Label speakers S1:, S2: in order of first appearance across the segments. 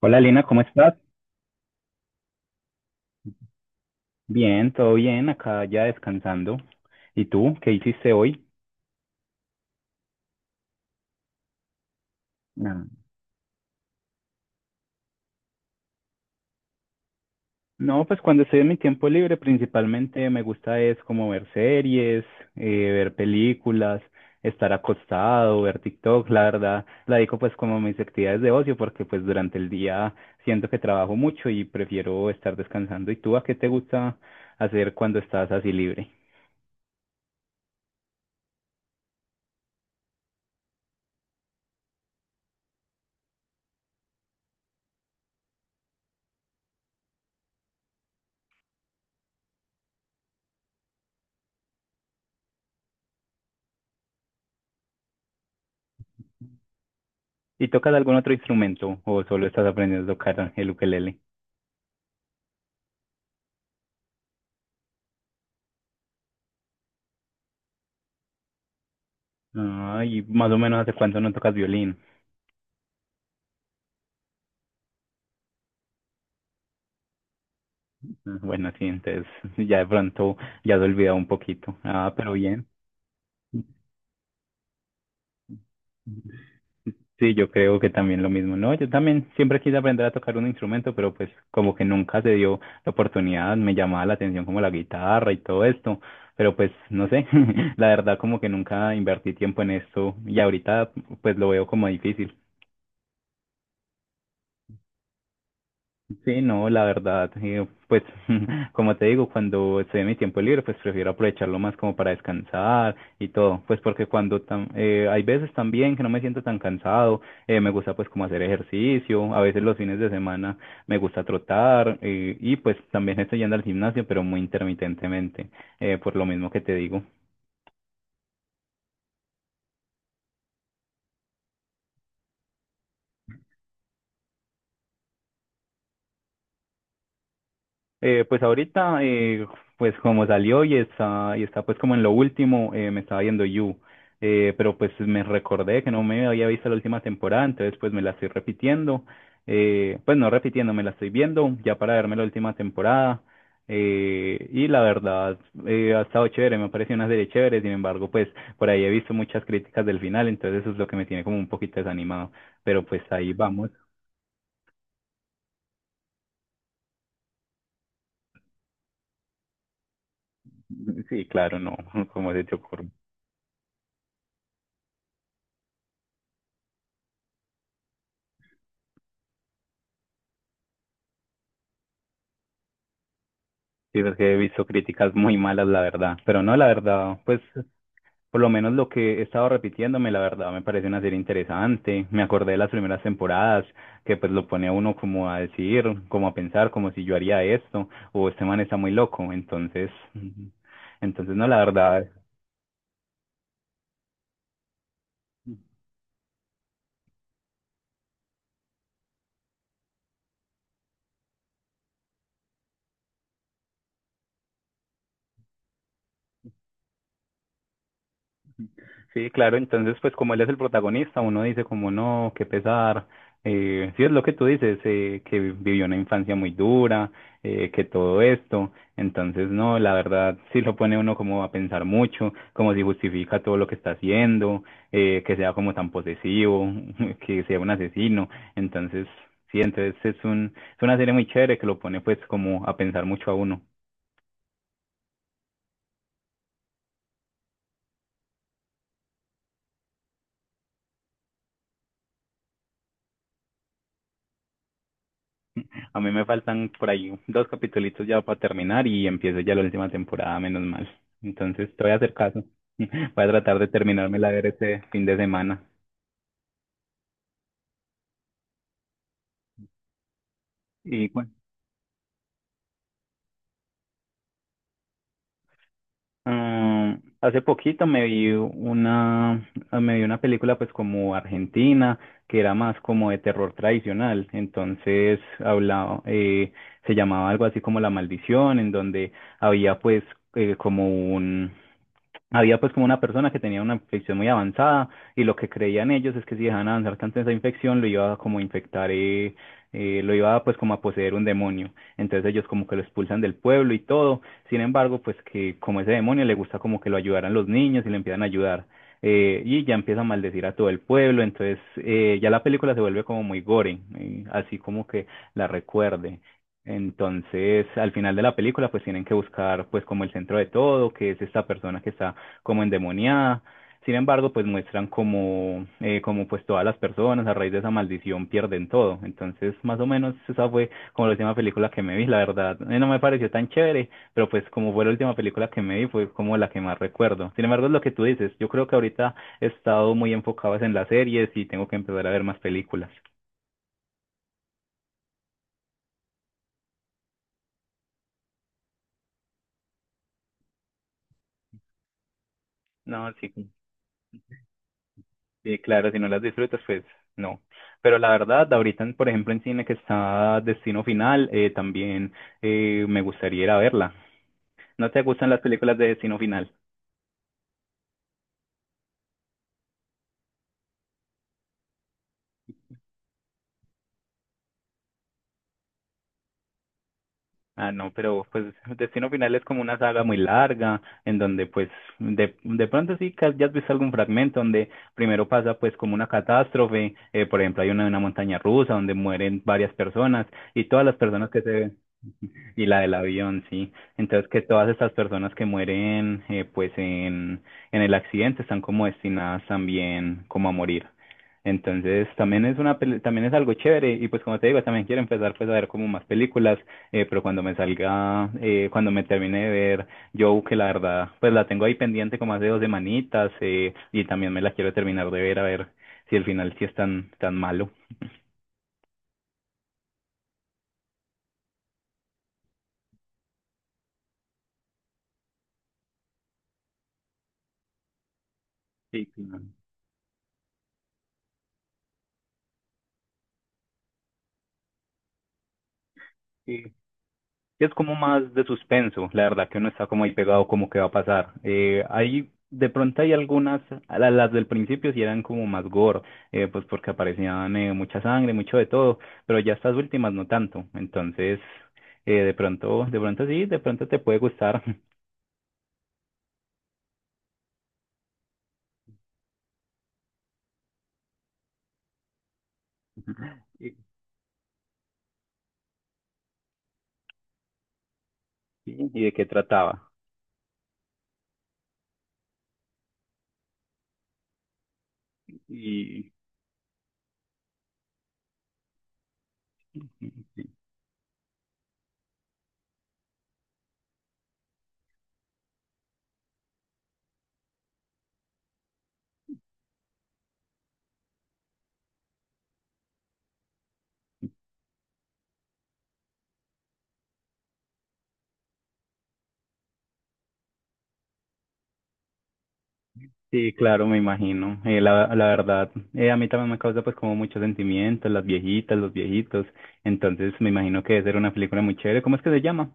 S1: Hola Lina, ¿cómo estás? Bien, todo bien, acá ya descansando. ¿Y tú, qué hiciste hoy? Ah. No, pues cuando estoy en mi tiempo libre principalmente me gusta es como ver series, eh, ver películas, estar acostado, ver TikTok, la verdad, la digo pues como mis actividades de ocio porque pues durante el día siento que trabajo mucho y prefiero estar descansando. ¿Y tú a qué te gusta hacer cuando estás así libre? ¿Y tocas algún otro instrumento o solo estás aprendiendo a tocar el ukelele? Ah, y más o menos ¿hace cuánto no tocas violín? Ah, bueno, sí, entonces ya de pronto ya has olvidado un poquito. Ah, pero bien. Sí, yo creo que también lo mismo. No, yo también siempre quise aprender a tocar un instrumento, pero pues como que nunca se dio la oportunidad, me llamaba la atención como la guitarra y todo esto, pero pues no sé, la verdad como que nunca invertí tiempo en esto y ahorita pues lo veo como difícil. Sí, no, la verdad, pues como te digo, cuando estoy en mi tiempo libre, pues prefiero aprovecharlo más como para descansar y todo, pues porque cuando hay veces también que no me siento tan cansado, me gusta pues como hacer ejercicio, a veces los fines de semana me gusta trotar y pues también estoy yendo al gimnasio, pero muy intermitentemente, por lo mismo que te digo. Pues ahorita, pues como salió y está pues como en lo último, me estaba viendo You, pero pues me recordé que no me había visto la última temporada, entonces pues me la estoy repitiendo, pues no repitiendo, me la estoy viendo ya para verme la última temporada, y la verdad, ha estado chévere, me ha parecido una serie chévere, sin embargo, pues por ahí he visto muchas críticas del final, entonces eso es lo que me tiene como un poquito desanimado, pero pues ahí vamos, sí, claro, no, como se te ocurre. Sí, porque he visto críticas muy malas, la verdad. Pero no, la verdad, pues por lo menos lo que he estado repitiéndome, la verdad, me parece una serie interesante. Me acordé de las primeras temporadas, que pues lo pone a uno como a decir, como a pensar, como si yo haría esto, o este man está muy loco. Entonces, entonces no, la verdad. Sí, claro, entonces pues como él es el protagonista, uno dice como no, qué pesar. Sí es lo que tú dices, que vivió una infancia muy dura, que todo esto. Entonces no, la verdad sí lo pone uno como a pensar mucho, como si justifica todo lo que está haciendo, que sea como tan posesivo, que sea un asesino. Entonces sí, entonces es una serie muy chévere que lo pone pues como a pensar mucho a uno. A mí me faltan por ahí dos capitulitos ya para terminar y empiezo ya la última temporada, menos mal. Entonces te voy a hacer caso. Voy a tratar de terminarme la ver este fin de semana. Y bueno, ah, hace poquito me vi una película pues como argentina, que era más como de terror tradicional. Entonces hablaba, se llamaba algo así como La Maldición, en donde había pues como Había pues como una persona que tenía una infección muy avanzada y lo que creían ellos es que si dejaban avanzar tanto esa infección lo iba a como infectar, lo iba pues como a poseer un demonio. Entonces ellos como que lo expulsan del pueblo y todo. Sin embargo, pues que como ese demonio le gusta como que lo ayudaran los niños y le empiezan a ayudar. Y ya empieza a maldecir a todo el pueblo. Entonces ya la película se vuelve como muy gore, así como que la recuerde. Entonces, al final de la película, pues tienen que buscar, pues, como el centro de todo, que es esta persona que está como endemoniada. Sin embargo, pues muestran como, como pues todas las personas a raíz de esa maldición pierden todo. Entonces, más o menos esa fue como la última película que me vi, la verdad. No me pareció tan chévere, pero pues como fue la última película que me vi, fue como la que más recuerdo. Sin embargo, es lo que tú dices. Yo creo que ahorita he estado muy enfocado es en las series y tengo que empezar a ver más películas. No, sí. Sí, claro, si no las disfrutas, pues no. Pero la verdad, ahorita, por ejemplo, en cine que está Destino Final, también me gustaría ir a verla. ¿No te gustan las películas de Destino Final? Ah, no, pero pues Destino Final es como una saga muy larga, en donde pues de pronto sí que ya has visto algún fragmento donde primero pasa pues como una catástrofe, por ejemplo hay una de una montaña rusa donde mueren varias personas y todas las personas que se y la del avión, sí. Entonces que todas estas personas que mueren pues en el accidente están como destinadas también como a morir. Entonces también es una también es algo chévere y pues como te digo también quiero empezar pues a ver como más películas pero cuando me salga, cuando me termine de ver Joe, que la verdad, pues la tengo ahí pendiente como hace dos semanitas, y también me la quiero terminar de ver a ver si el final sí es tan, tan malo. Sí, claro. Sí, es como más de suspenso, la verdad que uno está como ahí pegado como que va a pasar. Hay, de pronto hay algunas, las del principio sí eran como más gore, pues porque aparecían mucha sangre, mucho de todo, pero ya estas últimas no tanto, entonces de pronto sí, de pronto te puede gustar. Y, sí, ¿y de qué trataba? Y sí, claro, me imagino. La verdad, a mí también me causa pues como muchos sentimientos, las viejitas, los viejitos. Entonces me imagino que debe ser una película muy chévere. ¿Cómo es que se llama?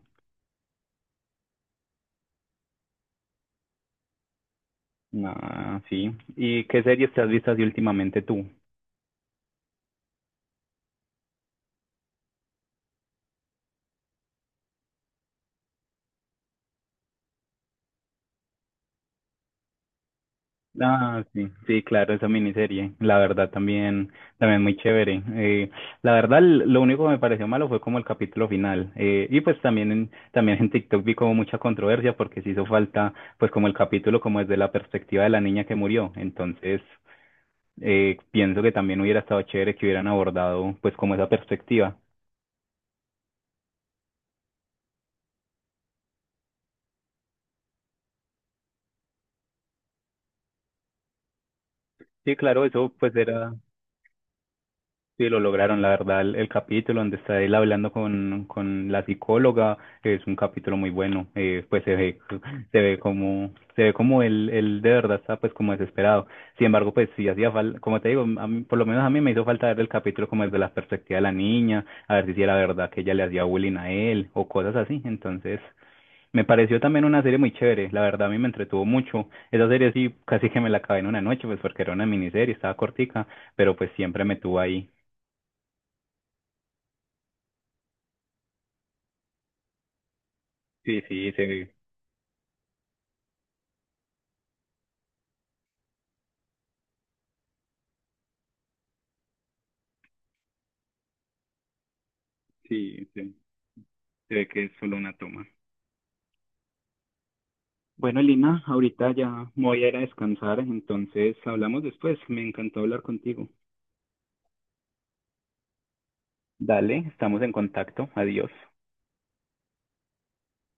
S1: Ah, sí. ¿Y qué series te has visto así últimamente tú? Ah, sí, sí, claro, esa miniserie, la verdad también, también muy chévere. La verdad, lo único que me pareció malo fue como el capítulo final. Y pues también también en TikTok vi como mucha controversia porque se hizo falta, pues como el capítulo como desde la perspectiva de la niña que murió. Entonces, pienso que también hubiera estado chévere que hubieran abordado pues como esa perspectiva. Sí, claro, eso pues era. Sí, lo lograron, la verdad, el capítulo donde está él hablando con la psicóloga es un capítulo muy bueno, pues se ve, se ve como él de verdad está pues como desesperado, sin embargo pues sí hacía falta, como te digo, por lo menos a mí me hizo falta ver el capítulo como desde la perspectiva de la niña, a ver si sí era verdad que ella le hacía bullying a él o cosas así, entonces me pareció también una serie muy chévere, la verdad a mí me entretuvo mucho, esa serie sí casi que me la acabé en una noche pues porque era una miniserie, estaba cortica pero pues siempre me tuvo ahí. Sí, sí, se ve, sí, se ve que es solo una toma. Bueno, Lina, ahorita ya me voy a ir a descansar, entonces hablamos después. Me encantó hablar contigo. Dale, estamos en contacto. Adiós.